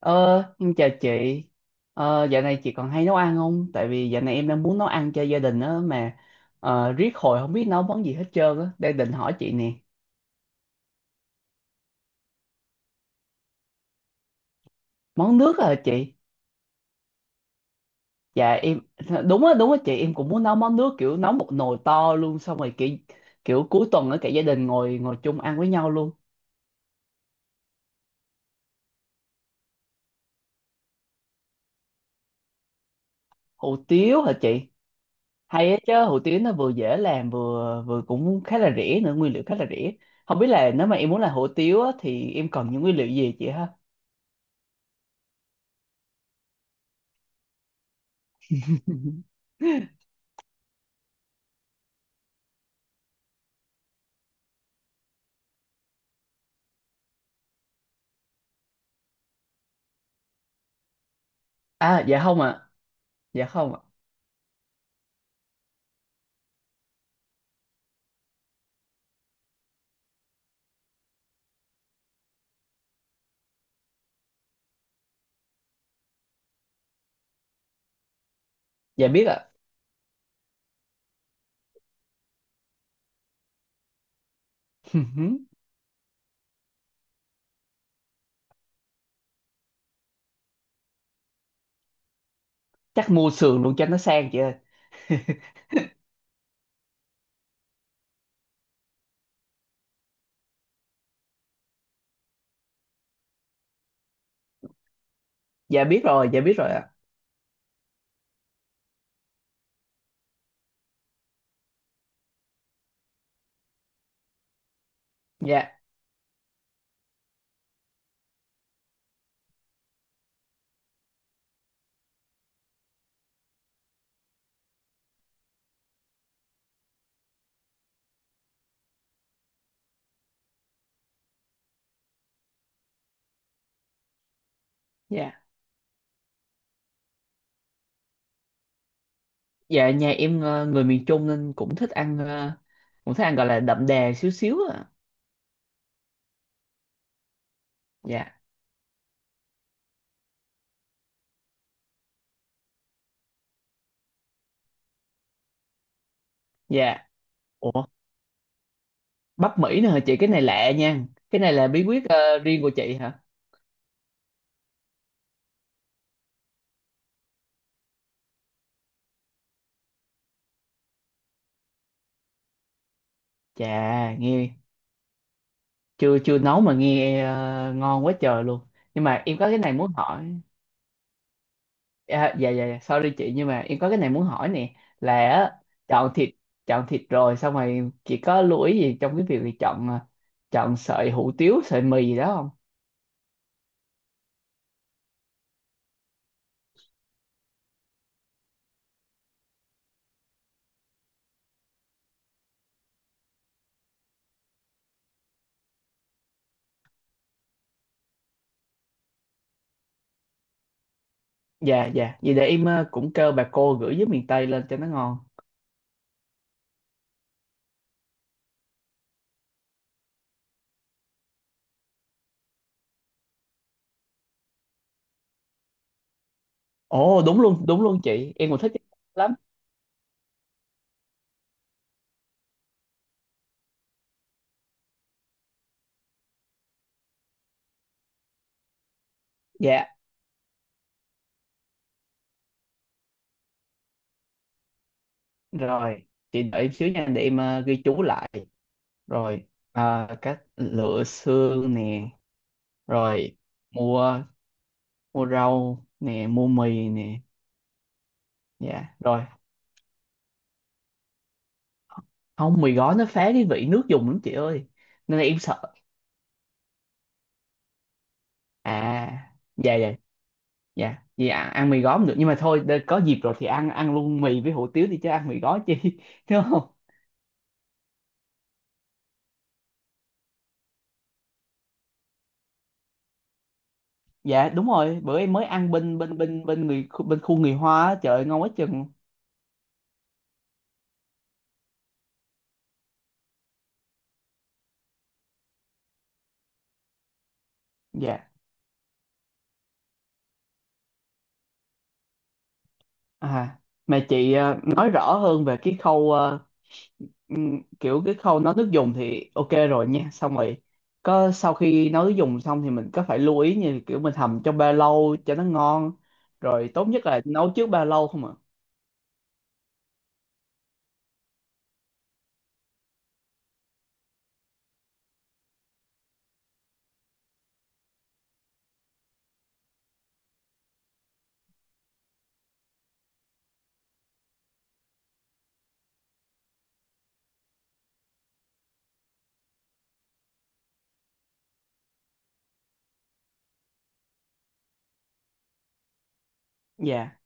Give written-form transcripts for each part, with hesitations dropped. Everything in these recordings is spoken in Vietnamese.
Ờ, em chào chị. Dạo này chị còn hay nấu ăn không? Tại vì dạo này em đang muốn nấu ăn cho gia đình á mà riết hồi không biết nấu món gì hết trơn á. Đang định hỏi chị nè. Món nước à chị? Dạ em đúng á chị, em cũng muốn nấu món nước, kiểu nấu một nồi to luôn, xong rồi kiểu kiểu cuối tuần ở cả gia đình ngồi ngồi chung ăn với nhau luôn. Hủ tiếu hả chị? Hay á chứ, hủ tiếu nó vừa dễ làm vừa vừa cũng khá là rẻ nữa, nguyên liệu khá là rẻ. Không biết là nếu mà em muốn làm hủ tiếu á, thì em cần những nguyên liệu gì chị ha? À dạ không ạ. Dạ không ạ. Dạ biết ạ. Chắc mua sườn luôn cho nó sang chị ơi. Dạ biết rồi ạ. Dạ dạ. Dạ nhà em người miền Trung nên cũng thích ăn cũng thích ăn, gọi là đậm đà xíu xíu ạ. Dạ dạ. Ủa bắp Mỹ nữa hả chị, cái này lạ nha. Cái này là bí quyết riêng của chị hả? Chà, nghe chưa chưa nấu mà nghe ngon quá trời luôn. Nhưng mà em có cái này muốn hỏi. À, dạ dạ dạ, sorry chị, nhưng mà em có cái này muốn hỏi nè, là á, chọn thịt chọn thịt rồi, xong rồi chị có lưu ý gì trong cái việc là chọn sợi hủ tiếu, sợi mì gì đó không? Dạ dạ, vậy để em cũng kêu bà cô gửi với miền Tây lên cho nó ngon. Ồ đúng luôn chị, em cũng thích cái lắm. Dạ rồi, chị đợi em xíu nha, để em ghi chú lại. Rồi cách lựa xương nè, rồi mua mua rau nè, mua mì nè. Dạ rồi, không mì gói nó phá cái vị nước dùng lắm chị ơi, nên là em sợ. À dạ dạ dạ, vì ăn ăn mì gói không được, nhưng mà thôi, để- có dịp rồi thì ăn ăn luôn mì với hủ tiếu đi chứ ăn mì gói chi đúng không? Dạ đúng rồi, bữa em mới ăn bên bên bên bên người bên khu người Hoa á, trời ơi, ngon quá chừng. Dạ. À mà chị nói rõ hơn về cái khâu kiểu cái khâu nấu nước dùng thì ok rồi nha. Xong rồi có sau khi nấu nước dùng xong thì mình có phải lưu ý, như kiểu mình hầm trong ba lâu cho nó ngon, rồi tốt nhất là nấu trước ba lâu không ạ? Dạ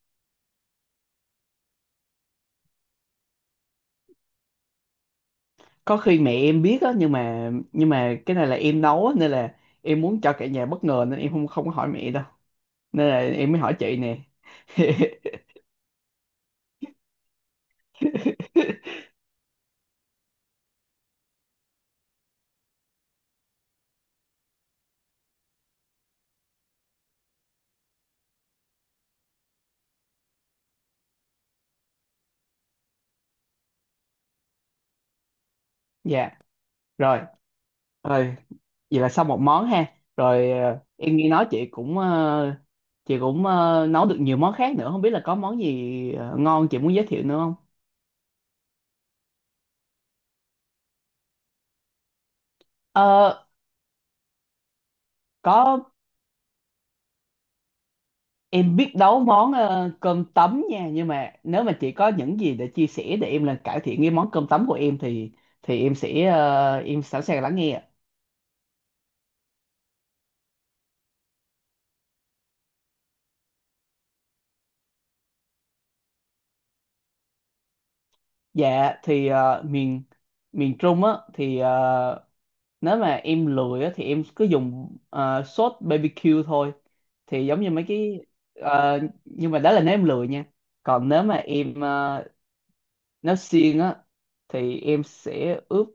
có khi mẹ em biết á, nhưng mà cái này là em nấu á, nên là em muốn cho cả nhà bất ngờ, nên em không không có hỏi mẹ đâu, nên là em mới hỏi chị nè. Dạ rồi, rồi vậy là xong một món ha. Rồi em nghe nói chị cũng nấu được nhiều món khác nữa, không biết là có món gì ngon chị muốn giới thiệu nữa không? Ờ có, em biết nấu món cơm tấm nha, nhưng mà nếu mà chị có những gì để chia sẻ để em là cải thiện cái món cơm tấm của em thì em sẽ em sẵn sàng lắng nghe ạ. Dạ thì miền miền Trung á thì nếu mà em lười á, thì em cứ dùng sốt BBQ thôi, thì giống như mấy cái nhưng mà đó là nếu em lười nha, còn nếu mà em nếu siêng á thì em sẽ ướp,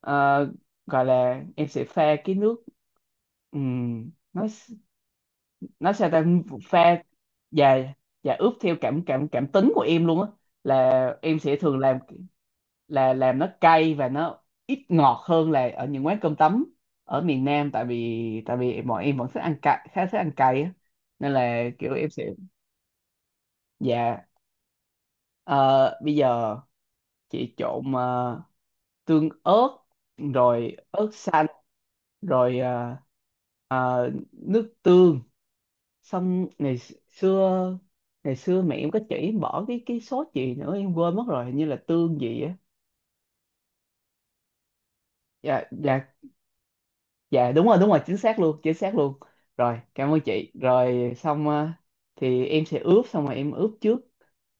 ờ, gọi là em sẽ pha cái nước, ừm, nó nó sao ta, pha và ướp theo cảm cảm cảm tính của em luôn á, là em sẽ thường làm, là làm nó cay và nó ít ngọt hơn là ở những quán cơm tấm ở miền Nam, tại vì bọn em vẫn thích ăn cay, khá thích ăn cay á, nên là kiểu em sẽ. Dạ ờ, bây giờ chị trộn tương ớt, rồi ớt xanh, rồi nước tương, xong xưa ngày xưa mẹ em có chỉ em bỏ cái sốt gì nữa em quên mất rồi, hình như là tương gì á. Dạ dạ dạ đúng rồi đúng rồi, chính xác luôn chính xác luôn. Rồi cảm ơn chị, rồi xong thì em sẽ ướp, xong rồi em ướp trước.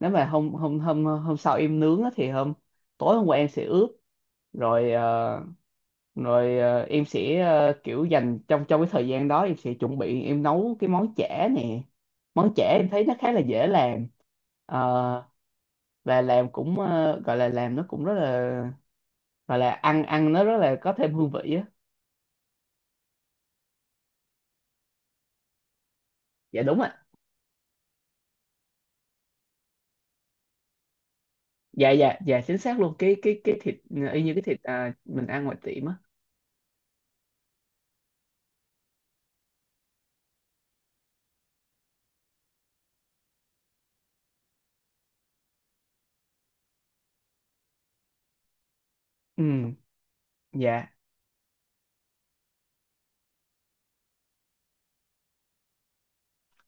Nếu mà hôm hôm hôm hôm sau em nướng á, thì tối hôm qua em sẽ ướp, rồi rồi ờ, em sẽ kiểu dành trong trong cái thời gian đó em sẽ chuẩn bị, em nấu cái món chả nè. Món chả em thấy nó khá là dễ làm. Ờ, và làm cũng gọi là làm nó cũng rất là, gọi là ăn ăn nó rất là có thêm hương vị á. Dạ đúng rồi, dạ dạ dạ chính xác luôn. Cái thịt y như cái thịt mình ăn ngoài tiệm á. Ừ. Dạ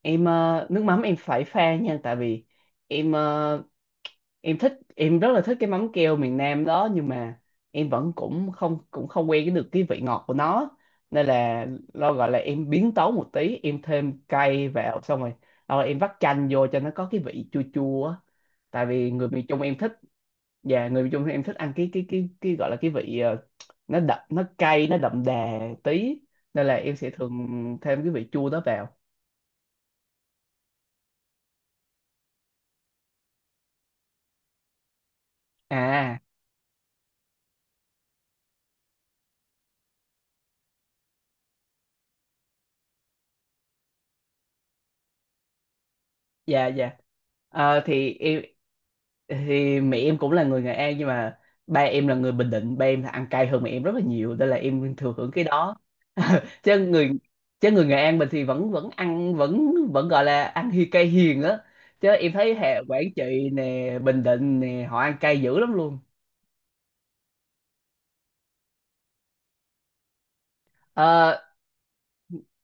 em nước mắm em phải pha nha, tại vì em em thích, em rất là thích cái mắm keo miền Nam đó, nhưng mà em vẫn cũng không quen cái được cái vị ngọt của nó, nên là lo gọi là em biến tấu một tí, em thêm cay vào, xong rồi rồi em vắt chanh vô cho nó có cái vị chua chua á. Tại vì người miền Trung em thích, dạ người miền Trung thì em thích ăn cái gọi là cái vị nó đậm nó cay nó đậm đà tí, nên là em sẽ thường thêm cái vị chua đó vào. À dạ dạ. Thì em, mẹ em cũng là người Nghệ An, nhưng mà ba em là người Bình Định, ba em là ăn cay hơn mẹ em rất là nhiều, nên là em thừa hưởng cái đó. chứ người chứ người Nghệ An mình thì vẫn vẫn ăn vẫn vẫn gọi là ăn hi cay hiền á, chứ em thấy hệ Quảng Trị nè, Bình Định nè họ ăn cay dữ lắm luôn. Ờ,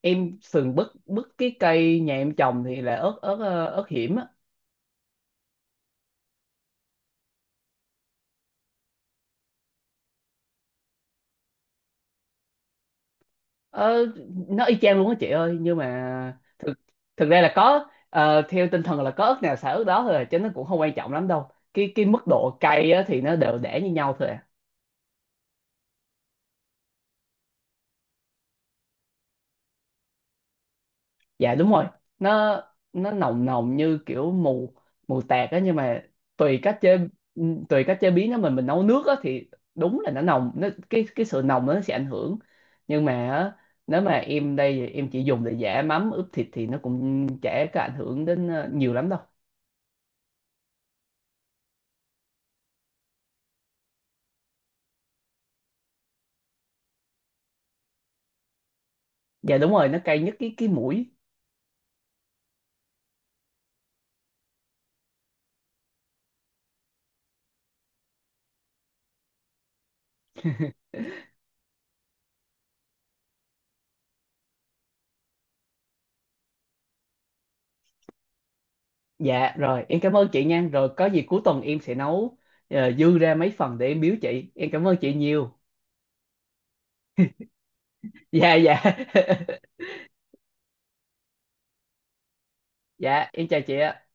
em sườn bứt bứt cái cây nhà em trồng thì là ớt ớt ờ, ớt hiểm á. Ờ, nó y chang luôn á chị ơi, nhưng mà thực thực ra là có theo tinh thần là có ớt nào xả ớt đó thôi à, chứ nó cũng không quan trọng lắm đâu. Cái mức độ cay á thì nó đều để như nhau thôi à. Dạ đúng rồi, nó nó nồng nồng như kiểu mù mù tạt á, nhưng mà tùy cách chế tùy cách chế biến nó, mình nấu nước á thì đúng là nó nồng, nó cái sự nồng nó sẽ ảnh hưởng. Nhưng mà á, nếu mà em đây thì em chỉ dùng để giả mắm ướp thịt thì nó cũng chả có ảnh hưởng đến nhiều lắm đâu. Dạ đúng rồi, nó cay nhất cái mũi. Dạ rồi em cảm ơn chị nha, rồi có gì cuối tuần em sẽ nấu, dư ra mấy phần để em biếu chị, em cảm ơn chị nhiều. Dạ dạ. Dạ em chào chị ạ.